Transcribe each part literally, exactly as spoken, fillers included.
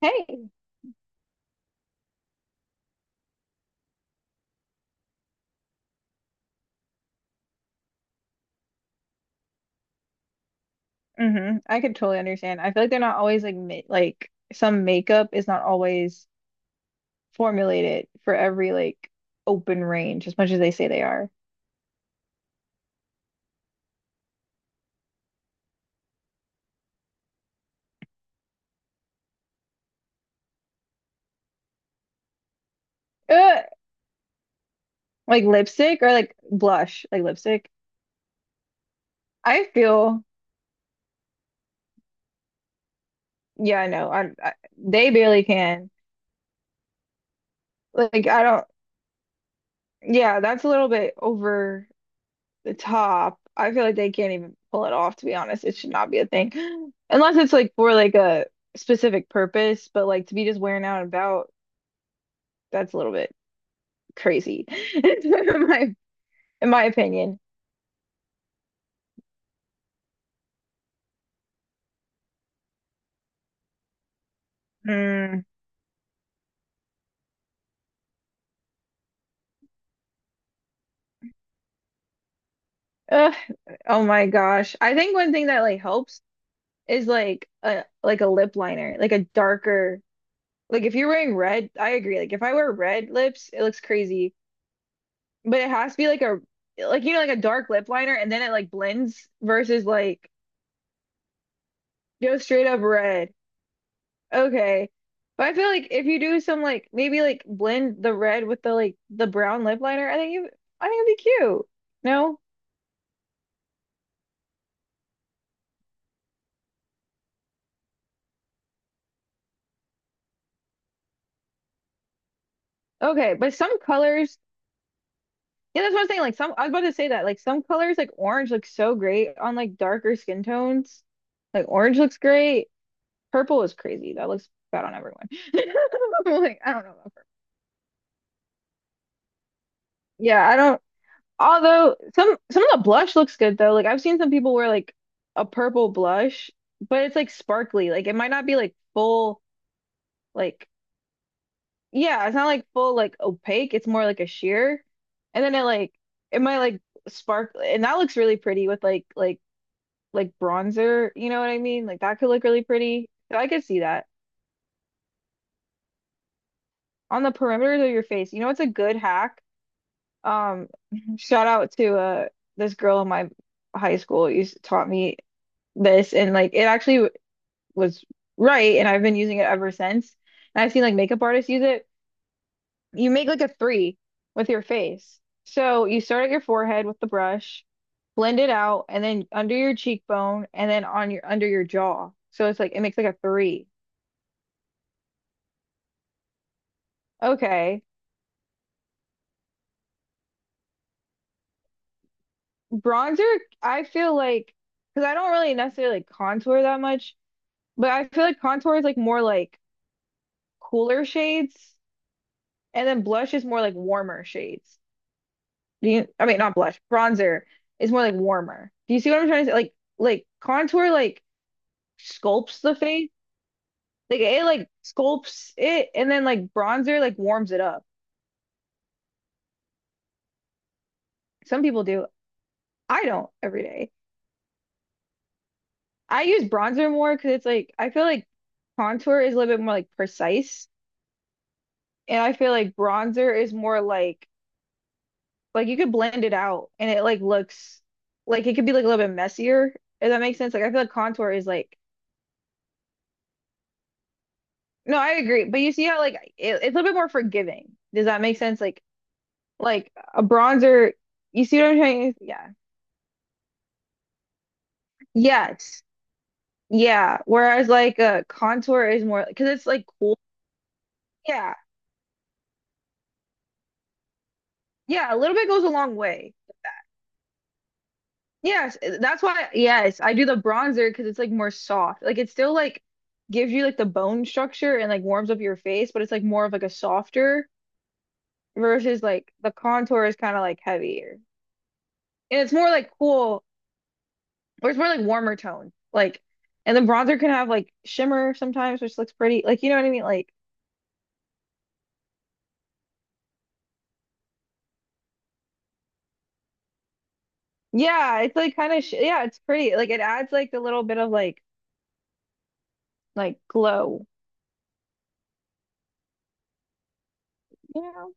Hey. hmm I could totally understand. I feel like they're not always like ma like some makeup is not always formulated for every like open range as much as they say they are. Ugh! Like lipstick or like blush, like lipstick. I feel Yeah, I know. I, I they barely can. Like I don't. Yeah, that's a little bit over the top. I feel like they can't even pull it off. To be honest, it should not be a thing, unless it's like for like a specific purpose. But like to be just wearing out and about, that's a little bit crazy in my in my opinion. Mm. Ugh. Oh my gosh. I think one thing that like helps is like a like a lip liner, like a darker, like if you're wearing red, I agree. Like if I wear red lips, it looks crazy. But it has to be like a, like you know, like a dark lip liner, and then it like blends versus like go straight up red. Okay. But I feel like if you do some like maybe like blend the red with the like the brown lip liner, I think you I think it'd be cute. No? Okay. But some colors Yeah, that's what I'm saying. Like some I was about to say that. Like some colors like orange looks so great on like darker skin tones. Like orange looks great. Purple is crazy. That looks bad on everyone. Like, I don't know about purple. Yeah, I don't Although some some of the blush looks good though. Like I've seen some people wear like a purple blush, but it's like sparkly. Like it might not be like full like, yeah, it's not like full like opaque. It's more like a sheer. And then it like, it might like spark and that looks really pretty with like like like bronzer, you know what I mean? Like that could look really pretty. So I could see that. On the perimeters of your face. You know what's a good hack? Um shout out to uh this girl in my high school who used taught me this, and like it actually was right, and I've been using it ever since. And I've seen like makeup artists use it. You make like a three with your face. So you start at your forehead with the brush, blend it out, and then under your cheekbone and then on your under your jaw. So it's like it makes like a three. Okay. Bronzer, I feel like, because I don't really necessarily like contour that much, but I feel like contour is like more like cooler shades, and then blush is more like warmer shades. Do you, I mean, Not blush, bronzer is more like warmer. Do you see what I'm trying to say? Like, like contour like sculpts the face. Like it like sculpts it and then like bronzer like warms it up. Some people do. I don't every day. I use bronzer more because it's like, I feel like contour is a little bit more like precise, and I feel like bronzer is more like like you could blend it out and it like looks like it could be like a little bit messier. If that makes sense. Like I feel like contour is like, no, I agree. But you see how like it, it's a little bit more forgiving. Does that make sense? Like like a bronzer, you see what I'm trying to, yeah. Yes. Yeah. Whereas like a contour is more because it's like cool. Yeah. Yeah, a little bit goes a long way. Yes, that's why, yes, I do the bronzer because it's like more soft. Like it still like gives you like the bone structure and like warms up your face, but it's like more of like a softer versus like the contour is kind of like heavier. And it's more like cool, or it's more like warmer tone. Like, and the bronzer can have like shimmer sometimes, which looks pretty. Like, you know what I mean? Like, yeah, it's like kind of, sh yeah, it's pretty. Like, it adds like the little bit of like, like glow, you know?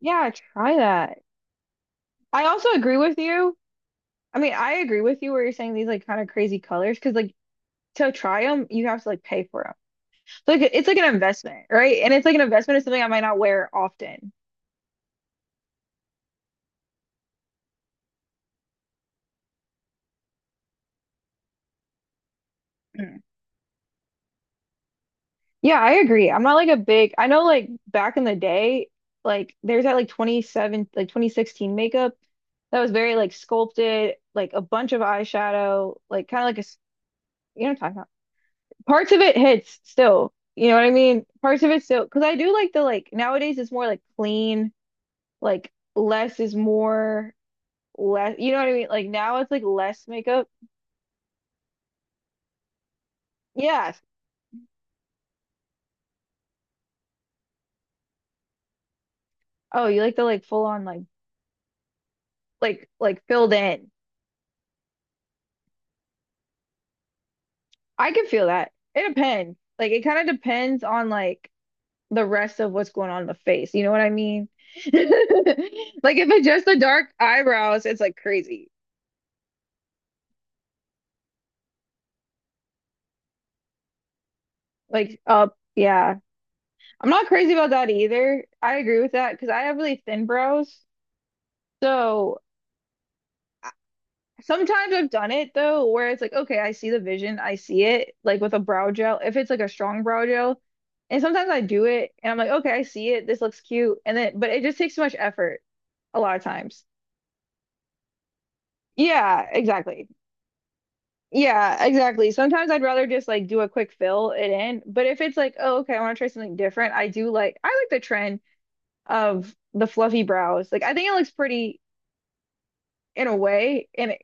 Yeah, try that. I also agree with you. I mean, I agree with you where you're saying these like kind of crazy colors, because like to try them, you have to like pay for them. So like, it's like an investment, right? And it's like an investment of something I might not wear often. Yeah, I agree. I'm not like a big, I know like back in the day, like there's that like twenty seven, like twenty sixteen makeup that was very like sculpted, like a bunch of eyeshadow, like kind of like a, s- you know what I'm talking about. Parts of it hits still, you know what I mean? Parts of it still, because I do like the like nowadays it's more like clean, like less is more, less, you know what I mean? Like now it's like less makeup. Yes. Oh, you like the like full on like, like, like filled in. I can feel that. It depends. Like it kind of depends on like the rest of what's going on in the face. You know what I mean? Like if it's just the dark eyebrows, it's like crazy. Like uh yeah. I'm not crazy about that either. I agree with that because I have really thin brows. So I- sometimes I've done it though, where it's like, okay, I see the vision, I see it, like with a brow gel, if it's like a strong brow gel. And sometimes I do it and I'm like, okay, I see it, this looks cute. And then but it just takes too much effort a lot of times. Yeah, exactly. Yeah, exactly. Sometimes I'd rather just like do a quick fill it in. But if it's like, oh, okay, I want to try something different, I do like, I like the trend of the fluffy brows. Like I think it looks pretty in a way. And it,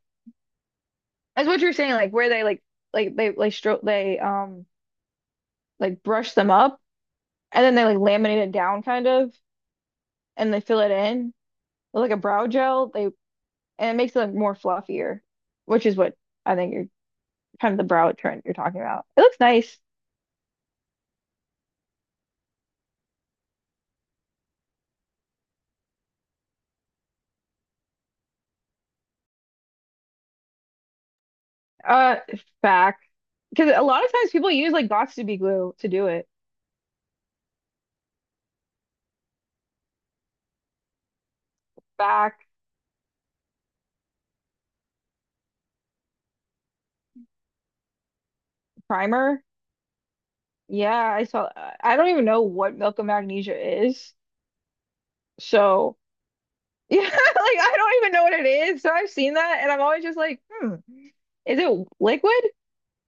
that's what you're saying, like where they like like they like stroke they um like brush them up and then they like laminate it down kind of and they fill it in with like a brow gel. They And it makes it look more fluffier, which is what I think you're kind of the brow trend you're talking about. It looks nice. Uh, Back. Because a lot of times people use like Boxy glue to do it. Back primer. Yeah, I saw. I don't even know what milk of magnesia is. So yeah, like I don't even know what it is. So I've seen that, and I'm always just like, hmm, is it liquid?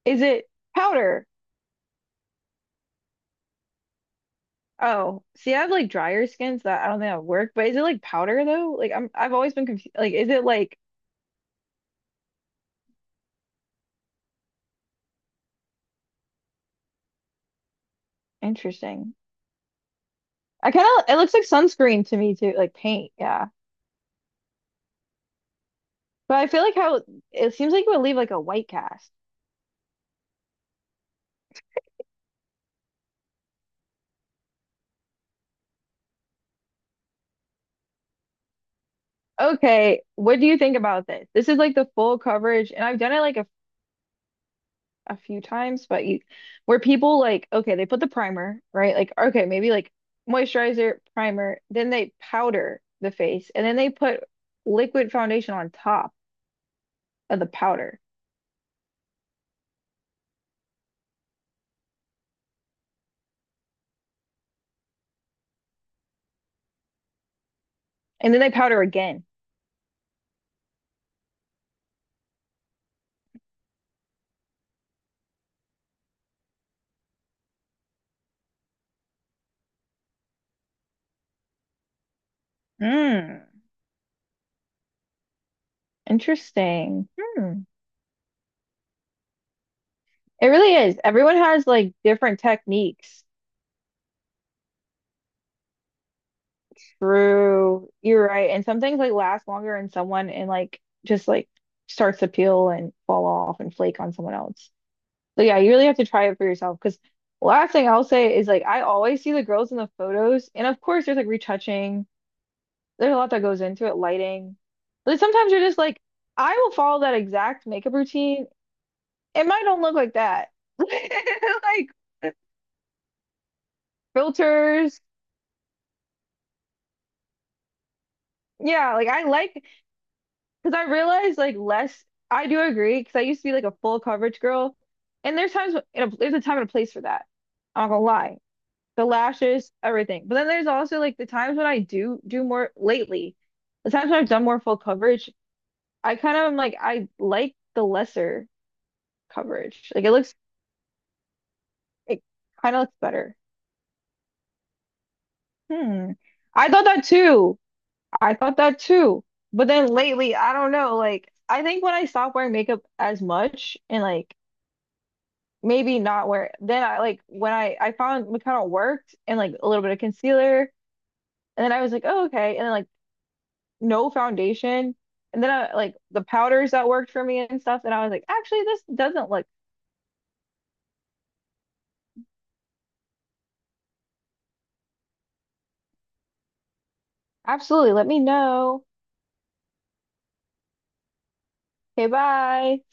Is it powder? Oh, see, I have like drier skins that I don't think that would work. But is it like powder though? Like I'm, I've always been confused. Like, is it like interesting? I kind of, it looks like sunscreen to me too, like paint. Yeah. But I feel like how it seems like it would leave like a white cast. Okay, what do you think about this? This is like the full coverage, and I've done it like a, a few times, but you, where people like, okay, they put the primer, right? Like, okay, maybe like moisturizer, primer, then they powder the face, and then they put liquid foundation on top of the powder, and then they powder again. Hmm, interesting. Hmm. It really is. Everyone has like different techniques. True. You're right. And some things like last longer in someone and like just like starts to peel and fall off and flake on someone else. So yeah, you really have to try it for yourself. Because last thing I'll say is like I always see the girls in the photos, and of course there's like retouching. There's a lot that goes into it, lighting. But sometimes you're just like, I will follow that exact makeup routine. It might don't look like that. Like filters. Yeah, like I like because I realized like less, I do agree. Because I used to be like a full coverage girl, and there's times in a, there's a time and a place for that. I'm not gonna lie. The lashes, everything. But then there's also like the times when I do do more lately. The times when I've done more full coverage, I kind of am like I like the lesser coverage. Like it looks, it kind of looks better. Hmm. I thought that too. I thought that too. But then lately, I don't know. Like I think when I stopped wearing makeup as much and like maybe not wear, then I like when I I found McConnell worked and like a little bit of concealer and then I was like oh okay and then like no foundation and then I like the powders that worked for me and stuff and I was like actually this doesn't look absolutely let me know okay bye